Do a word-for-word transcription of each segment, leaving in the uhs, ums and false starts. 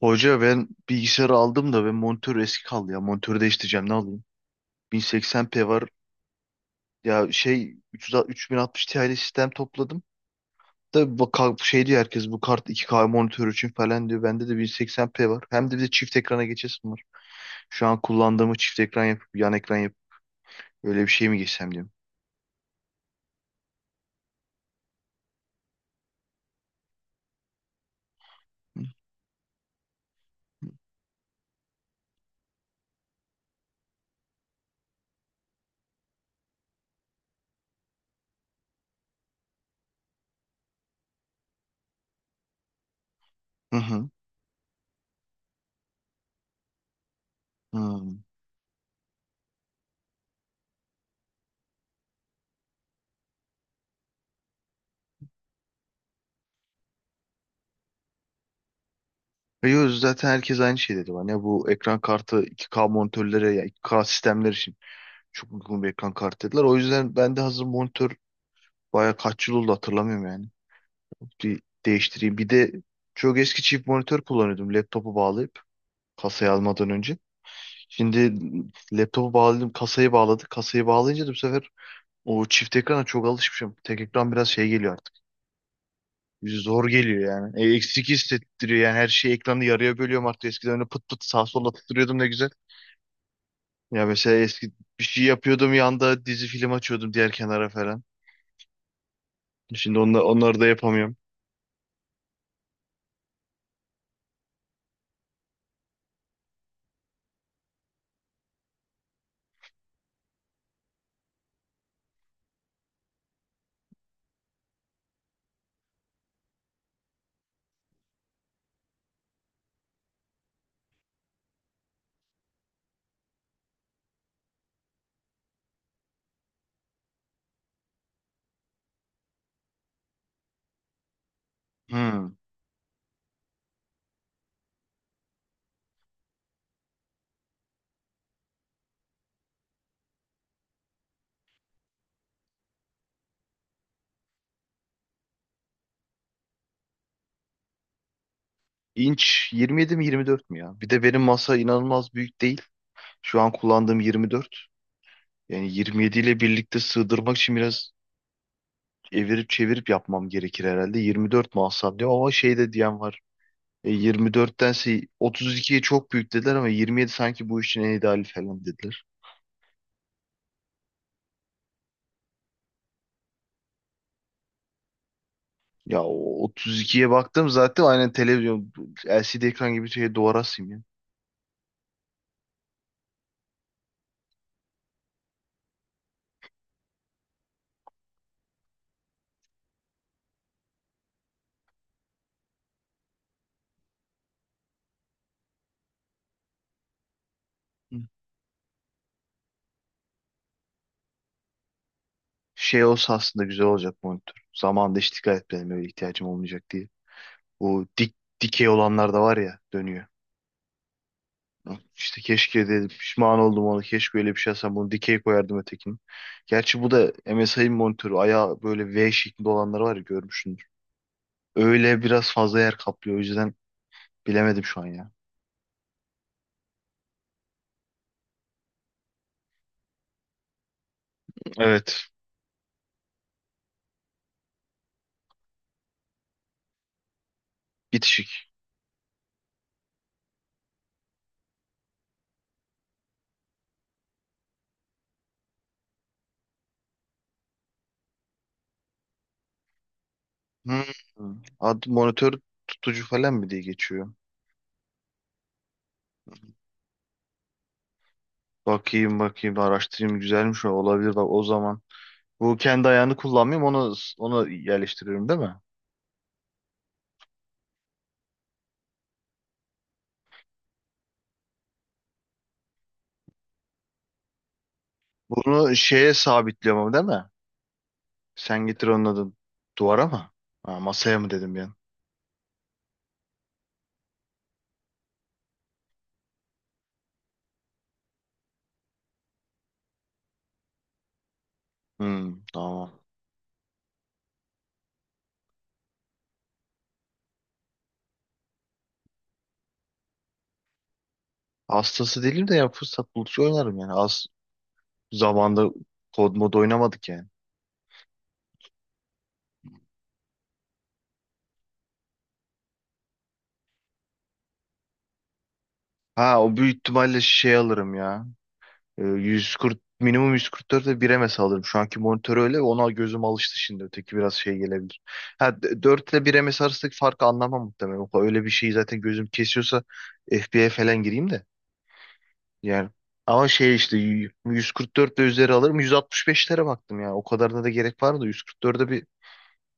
Hoca, ben bilgisayarı aldım da ben monitör eski kaldı ya. Monitörü değiştireceğim, ne alayım? bin seksen p var. Ya şey üç yüz üç bin altmış Ti'li sistem topladım. Da bak, şey diyor herkes, bu kart iki k monitör için falan diyor. Bende de bin seksen p var. Hem de bir de çift ekrana geçesim var. Şu an kullandığımı çift ekran yapıp, yan ekran yapıp öyle bir şey mi geçsem diyorum. Hı hı. Hı. E yo, zaten herkes aynı şey dedi bana. Ya bu ekran kartı iki k monitörlere, ya iki k sistemler için çok uygun bir ekran kartı dediler. O yüzden ben de hazır monitör baya kaç yıl oldu hatırlamıyorum yani. Bir değiştireyim. Bir de çok eski çift monitör kullanıyordum, laptopu bağlayıp kasayı almadan önce. Şimdi laptopu bağladım, kasayı bağladık. Kasayı bağlayınca da bu sefer o çift ekrana çok alışmışım. Tek ekran biraz şey geliyor artık. Zor geliyor yani. E, eksik hissettiriyor yani, her şeyi ekranı yarıya bölüyorum artık. Eskiden öyle pıt pıt sağa sola tıklıyordum, ne güzel. Ya mesela eski bir şey yapıyordum, yanda dizi film açıyordum diğer kenara falan. Şimdi onlar, onları da yapamıyorum. Hmm. İnç yirmi yedi mi, yirmi dört mü ya? Bir de benim masa inanılmaz büyük değil. Şu an kullandığım yirmi dört. Yani yirmi yedi ile birlikte sığdırmak için biraz evirip çevirip yapmam gerekir herhalde. yirmi dört mu alsam diyor ama şey de diyen var. E, yirmi dörttense otuz ikiye çok büyük dediler ama yirmi yedi sanki bu işin en ideali falan dediler. Ya o otuz ikiye baktım, zaten aynen televizyon L C D ekran gibi, şey, duvara asayım ya. Hı. Şey olsa aslında güzel olacak monitör. Zamanında hiç dikkat etmedim, öyle ihtiyacım olmayacak diye. Bu dik dikey olanlar da var ya, dönüyor. Hı. İşte keşke dedim, pişman oldum onu. Keşke öyle bir şey alsam, bunu dikey koyardım ötekini. Gerçi bu da M S I'ın monitörü. Ayağı böyle V şeklinde olanları var ya, görmüşsündür. Öyle biraz fazla yer kaplıyor. O yüzden bilemedim şu an ya. Evet. Bitişik. Hmm. Ad, monitör tutucu falan mı diye geçiyor. Bakayım bakayım, araştırayım, güzelmiş, o olabilir bak o zaman. Bu kendi ayağını kullanmayayım, onu onu yerleştiriyorum değil mi? Bunu şeye sabitliyorum ama değil mi? Sen getir onun adını. Duvara mı? Ha, masaya mı dedim ben? Hmm, tamam. Hastası değilim de ya, fırsat buldukça oynarım yani. Az zamanda kod mod oynamadık yani. Ha, o büyük ihtimalle şey alırım ya. Ee, yüz kırk minimum yüz kırk dörde bire mi saldırdım? Şu anki monitör öyle. Ona gözüm alıştı şimdi. Öteki biraz şey gelebilir. Ha, dört ile bire mi sarsak farkı anlamam muhtemelen. O- Öyle bir şeyi zaten gözüm kesiyorsa F B'ye falan gireyim de. Yani, ama şey işte, y- yüz kırk dört ile üzeri alırım. yüz altmış beşlere baktım ya. O kadarına da gerek var, da yüz kırk dörde bir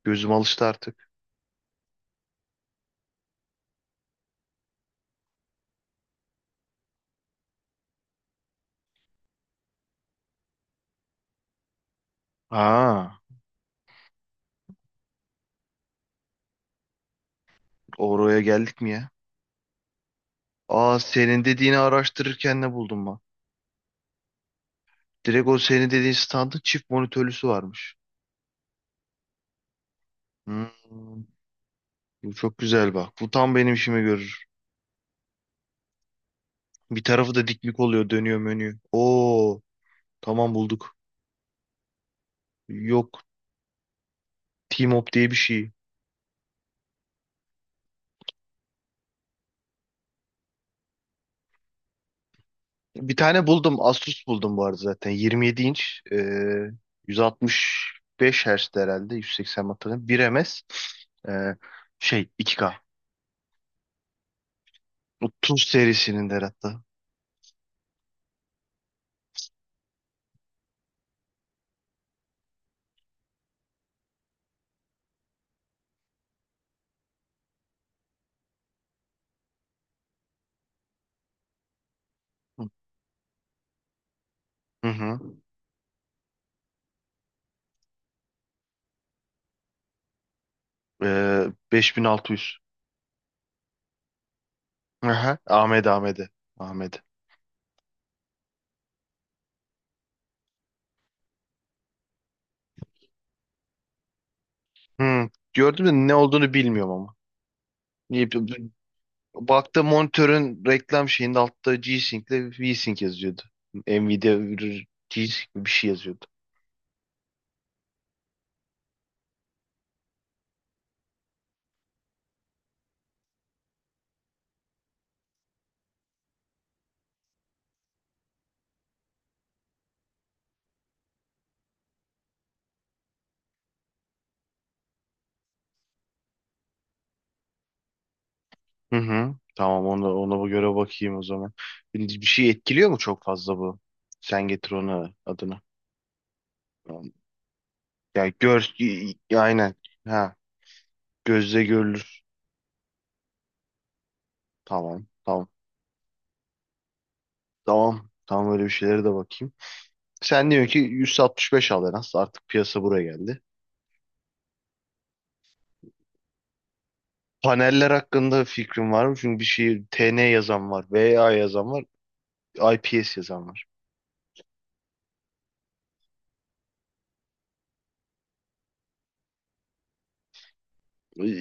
gözüm alıştı artık. Aa, oraya geldik mi ya? Aa, senin dediğini araştırırken ne buldum ben? Direkt o senin dediğin standın çift monitörlüsü varmış. Hmm. Bu çok güzel bak. Bu tam benim işimi görür. Bir tarafı da diklik oluyor, dönüyor menü. Oo, tamam, bulduk. Yok, Teamop diye bir şey. Bir tane buldum, Asus buldum bu arada zaten. yirmi yedi inç, e, yüz altmış beş Hz herhalde, yüz seksen hatırlamıyorum. bir ms, e, şey, iki k, otuz serisinin de hatta. Hı hı. E, beş bin altı yüz. Aha, Ahmet Ahmet'e. Ahmet'e. Hmm, gördüm de ne olduğunu bilmiyorum ama. Niye- Baktım monitörün reklam şeyinde altta G-Sync ile V-Sync yazıyordu. Nvidia G-Sync bir şey yazıyordu. Hı hı. Tamam, ona, ona bu göre bakayım o zaman. Bir, bir şey etkiliyor mu çok fazla bu? Sen getir onu adını. Tamam. Ya gör Ya aynen. Ha, gözle görülür. Tamam. Tamam. Tamam. Tamam, öyle bir şeylere de bakayım. Sen diyorsun ki yüz altmış beş al en az. Artık piyasa buraya geldi. Paneller hakkında fikrim var mı? Çünkü bir şey T N yazan var, V A yazan var, I P S yazan var.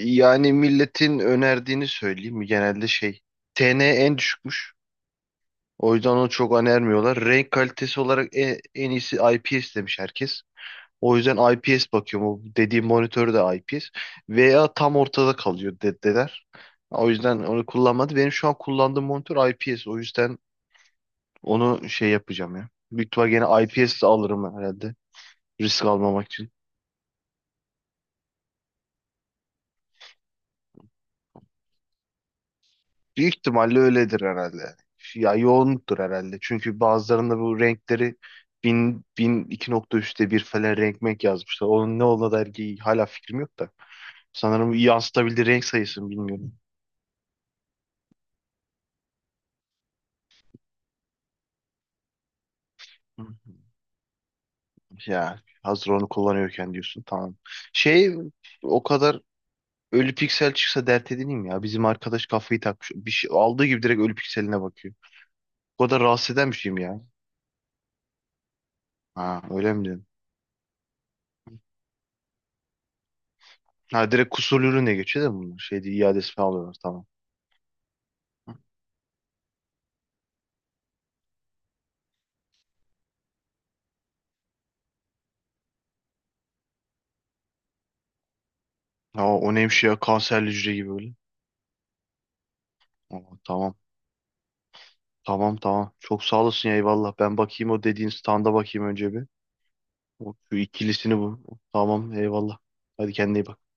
Yani milletin önerdiğini söyleyeyim mi? Genelde şey, T N en düşükmüş. O yüzden onu çok önermiyorlar. Renk kalitesi olarak e- en, iyisi I P S demiş herkes. O yüzden I P S bakıyorum. O dediğim monitör de I P S. V A tam ortada kalıyor dediler. O yüzden onu kullanmadı. Benim şu an kullandığım monitör I P S. O yüzden onu şey yapacağım ya. Büyük ihtimal gene I P S de alırım herhalde, risk almamak için. Büyük ihtimalle öyledir herhalde. Yani. Ya, yoğunluktur herhalde. Çünkü bazılarında bu renkleri bin bin iki nokta üçte bir falan renk menk yazmışlar. Onun ne olduğuna dair ki hala fikrim yok da. Sanırım, yansıtabildiği renk sayısını bilmiyorum. Hı. Ya hazır onu kullanıyorken diyorsun, tamam. Şey, o kadar ölü piksel çıksa dert edineyim ya. Bizim arkadaş kafayı takmış. Bir şey aldığı gibi direkt ölü pikseline bakıyor. O kadar rahatsız eden bir şey mi ya? Ha, öyle mi diyorsun? Ha, direkt kusurlu ürüne geçiyor değil mi bunlar? Şey değil, iadesi alıyorlar, tamam. Aa, o neymiş ya, kanserli hücre gibi böyle. Aa, tamam, tamam, tamam. Çok sağ olasın ya, eyvallah. Ben bakayım, o dediğin standa bakayım önce bir. O, şu ikilisini, bu. Tamam, eyvallah. Hadi, kendine iyi bak.